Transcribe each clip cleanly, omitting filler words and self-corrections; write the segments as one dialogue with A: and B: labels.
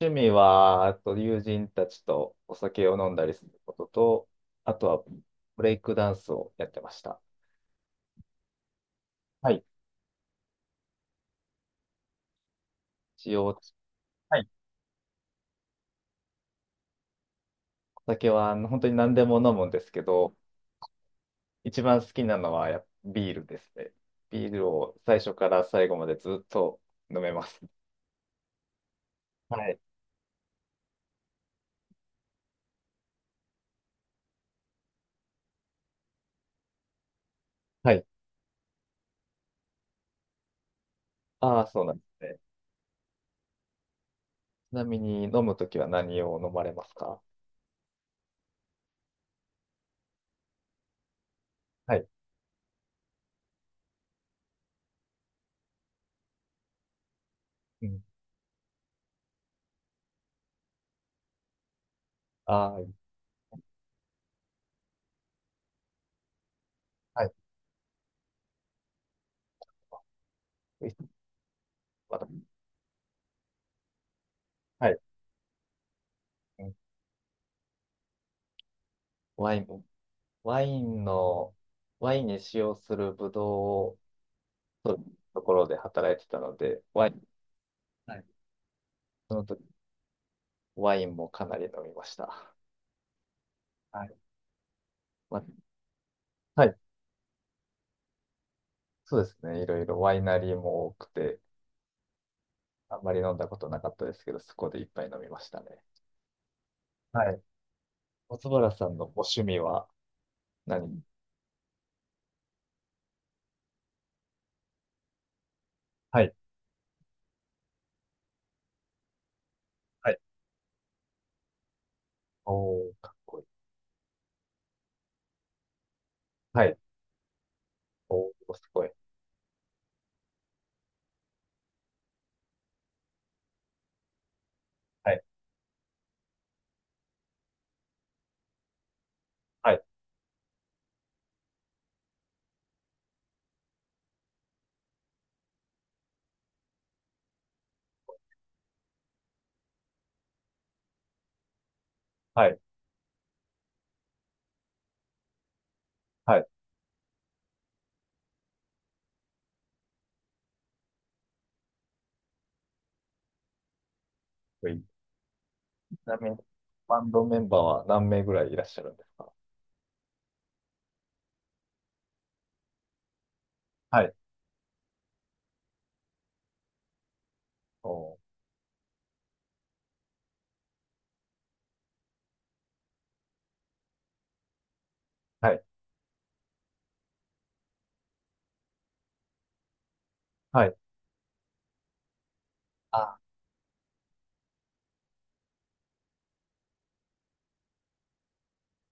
A: 趣味は、あと友人たちとお酒を飲んだりすることと、あとはブレイクダンスをやってました。はい。一応、はい。お酒は本当に何でも飲むんですけど、一番好きなのはやっぱビールですね。ビールを最初から最後までずっと飲めます。はい。はい。ああ、そうなんですね。ちなみに飲むときは何を飲まれますか？はい。うん。ああ、はい。ウイスキーまたはい。うん。ワイン、ワインの、ワインに使用するブドウを取るところで働いてたので、ワイン、はい。その時、ワインもかなり飲みました。はい。まはい、そうですね。いろいろワイナリーも多くて、あんまり飲んだことなかったですけど、そこでいっぱい飲みましたね。はい。松原さんのご趣味は何？はい。はい。おー、かっこいい。はい。おー、すごい。はい。はい。はい。はい。かっこいい。ちなみに、バンドメンバーは何名ぐらいいらっしゃるんですか？はい。おー。はい。はい。あ、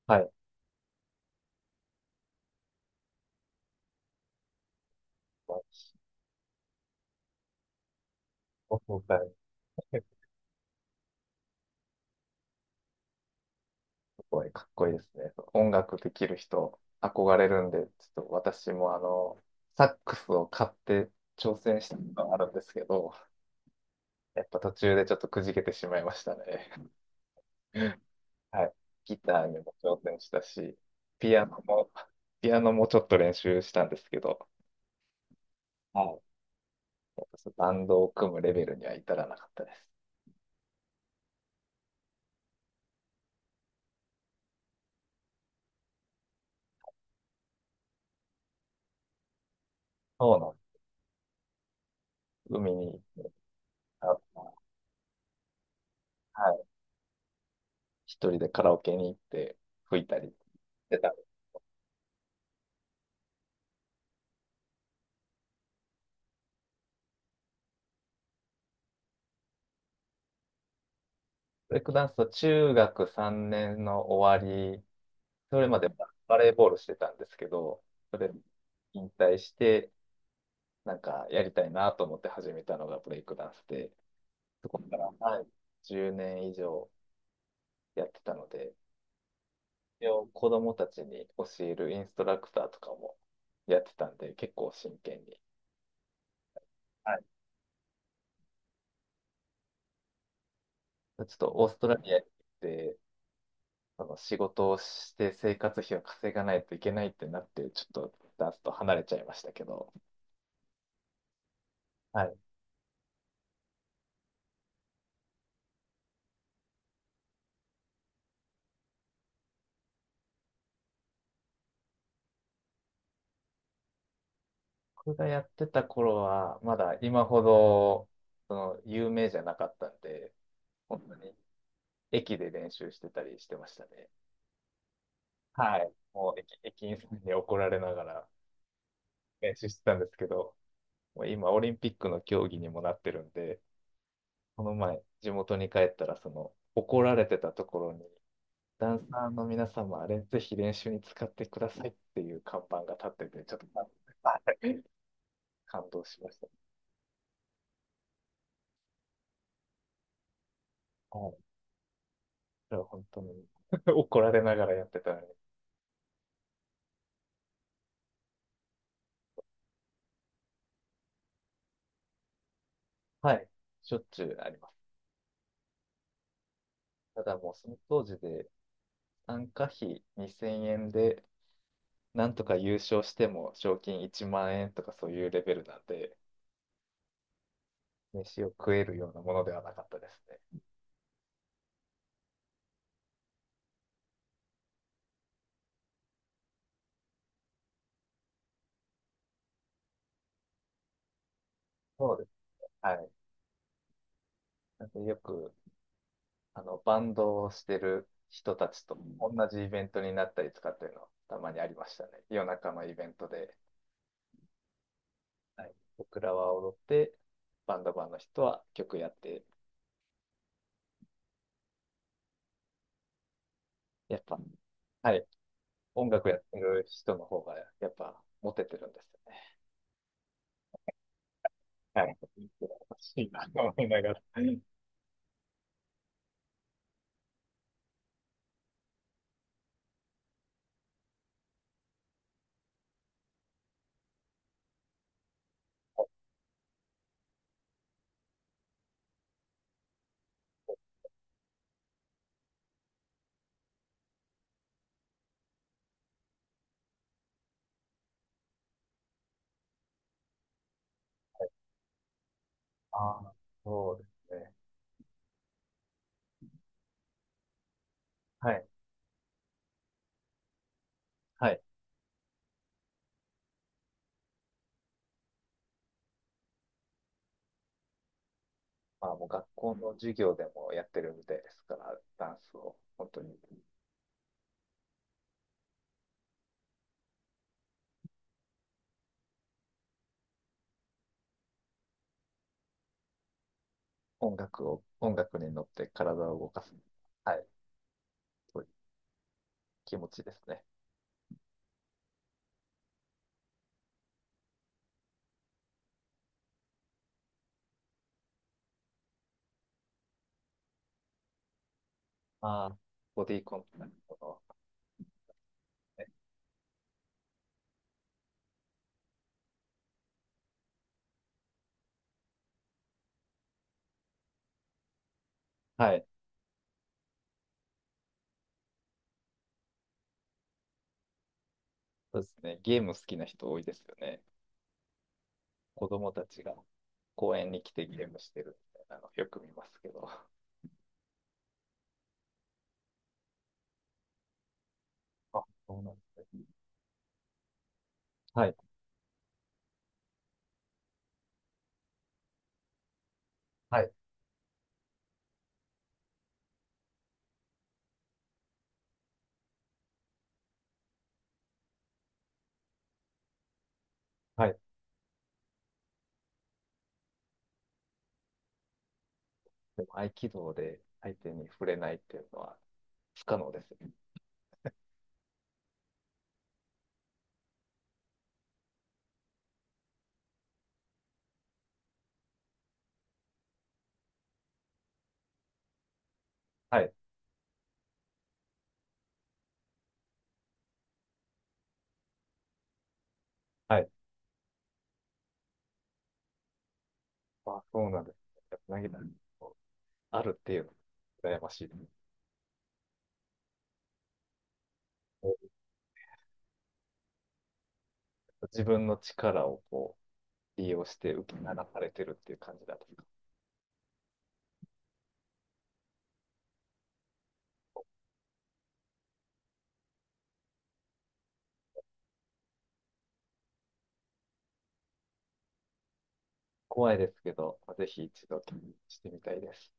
A: はい。まあ僕が結構これかっこいいですね。音楽できる人、憧れるんで、ちょっと私もサックスを買って挑戦したことがあるんですけど、やっぱ途中でちょっとくじけてしまいましたね。はい。ギターにも挑戦したし、ピアノも、ピアノもちょっと練習したんですけど、はい。やっぱそのバンドを組むレベルには至らなかったです。そうなんです。海に行って、あ、はい。一人でカラオケに行って吹いたりしてた。ブレイクダンスは中学3年の終わり、それまでバレーボールしてたんですけど、それ引退して、なんかやりたいなと思って始めたのがブレイクダンスで、そこから、はい、10年以上やってたので、一応子供たちに教えるインストラクターとかもやってたんで、結構真剣に。はい、ちょっとオーストラリアに行って、その仕事をして生活費を稼がないといけないってなって、ちょっとダンスと離れちゃいましたけど、はい。僕がやってた頃は、まだ今ほど、有名じゃなかったんで、本当に駅で練習してたりしてましたね。はい。もう駅員さんに怒られながら練習してたんですけど、もう今オリンピックの競技にもなってるんで、この前地元に帰ったら、その、怒られてたところにダンサーの皆様、あれ、ぜひ練習に使ってくださいっていう看板が立ってて、ちょっとあ感動しました。はい。それは本当に 怒られながらやってたのに。はい。しょっちゅうあります。ただもうその当時で参加費2000円で、なんとか優勝しても賞金1万円とかそういうレベルなんで、飯を食えるようなものではなかったですね。そうです。はい。なんでよくバンドをしてる人たちと同じイベントになったりとかっていうのはたまにありましたね。夜中のイベントで、はい、僕らは踊って、バンドマンの人は曲やって、やっぱ、はい、音楽やってる人の方がやっぱモテてるんですよね。はい。楽しいなと思いながら。ああ、そうですね。はい。はい。まあもう学校の授業でもやってるみたいですから、ダンスを、本当に音楽に乗って体を動かす。はい。という気持ちですね。ああ、ボディコンタクトの、ね。はい。そうですね。ゲーム好きな人多いですよね。子供たちが公園に来てゲームしてるみたいなのよく見ますけど。あ、そうなんです。はい。はい。はい。でも合気道で相手に触れないっていうのは不可能ですよね。はい。はい。あ、そうなんです。やっぱ投げたらあるっていうのが羨ましいです。自分の力をこう利用して受け流されてるっていう感じだと。怖いですけど、ぜひ一度気にしてみたいです。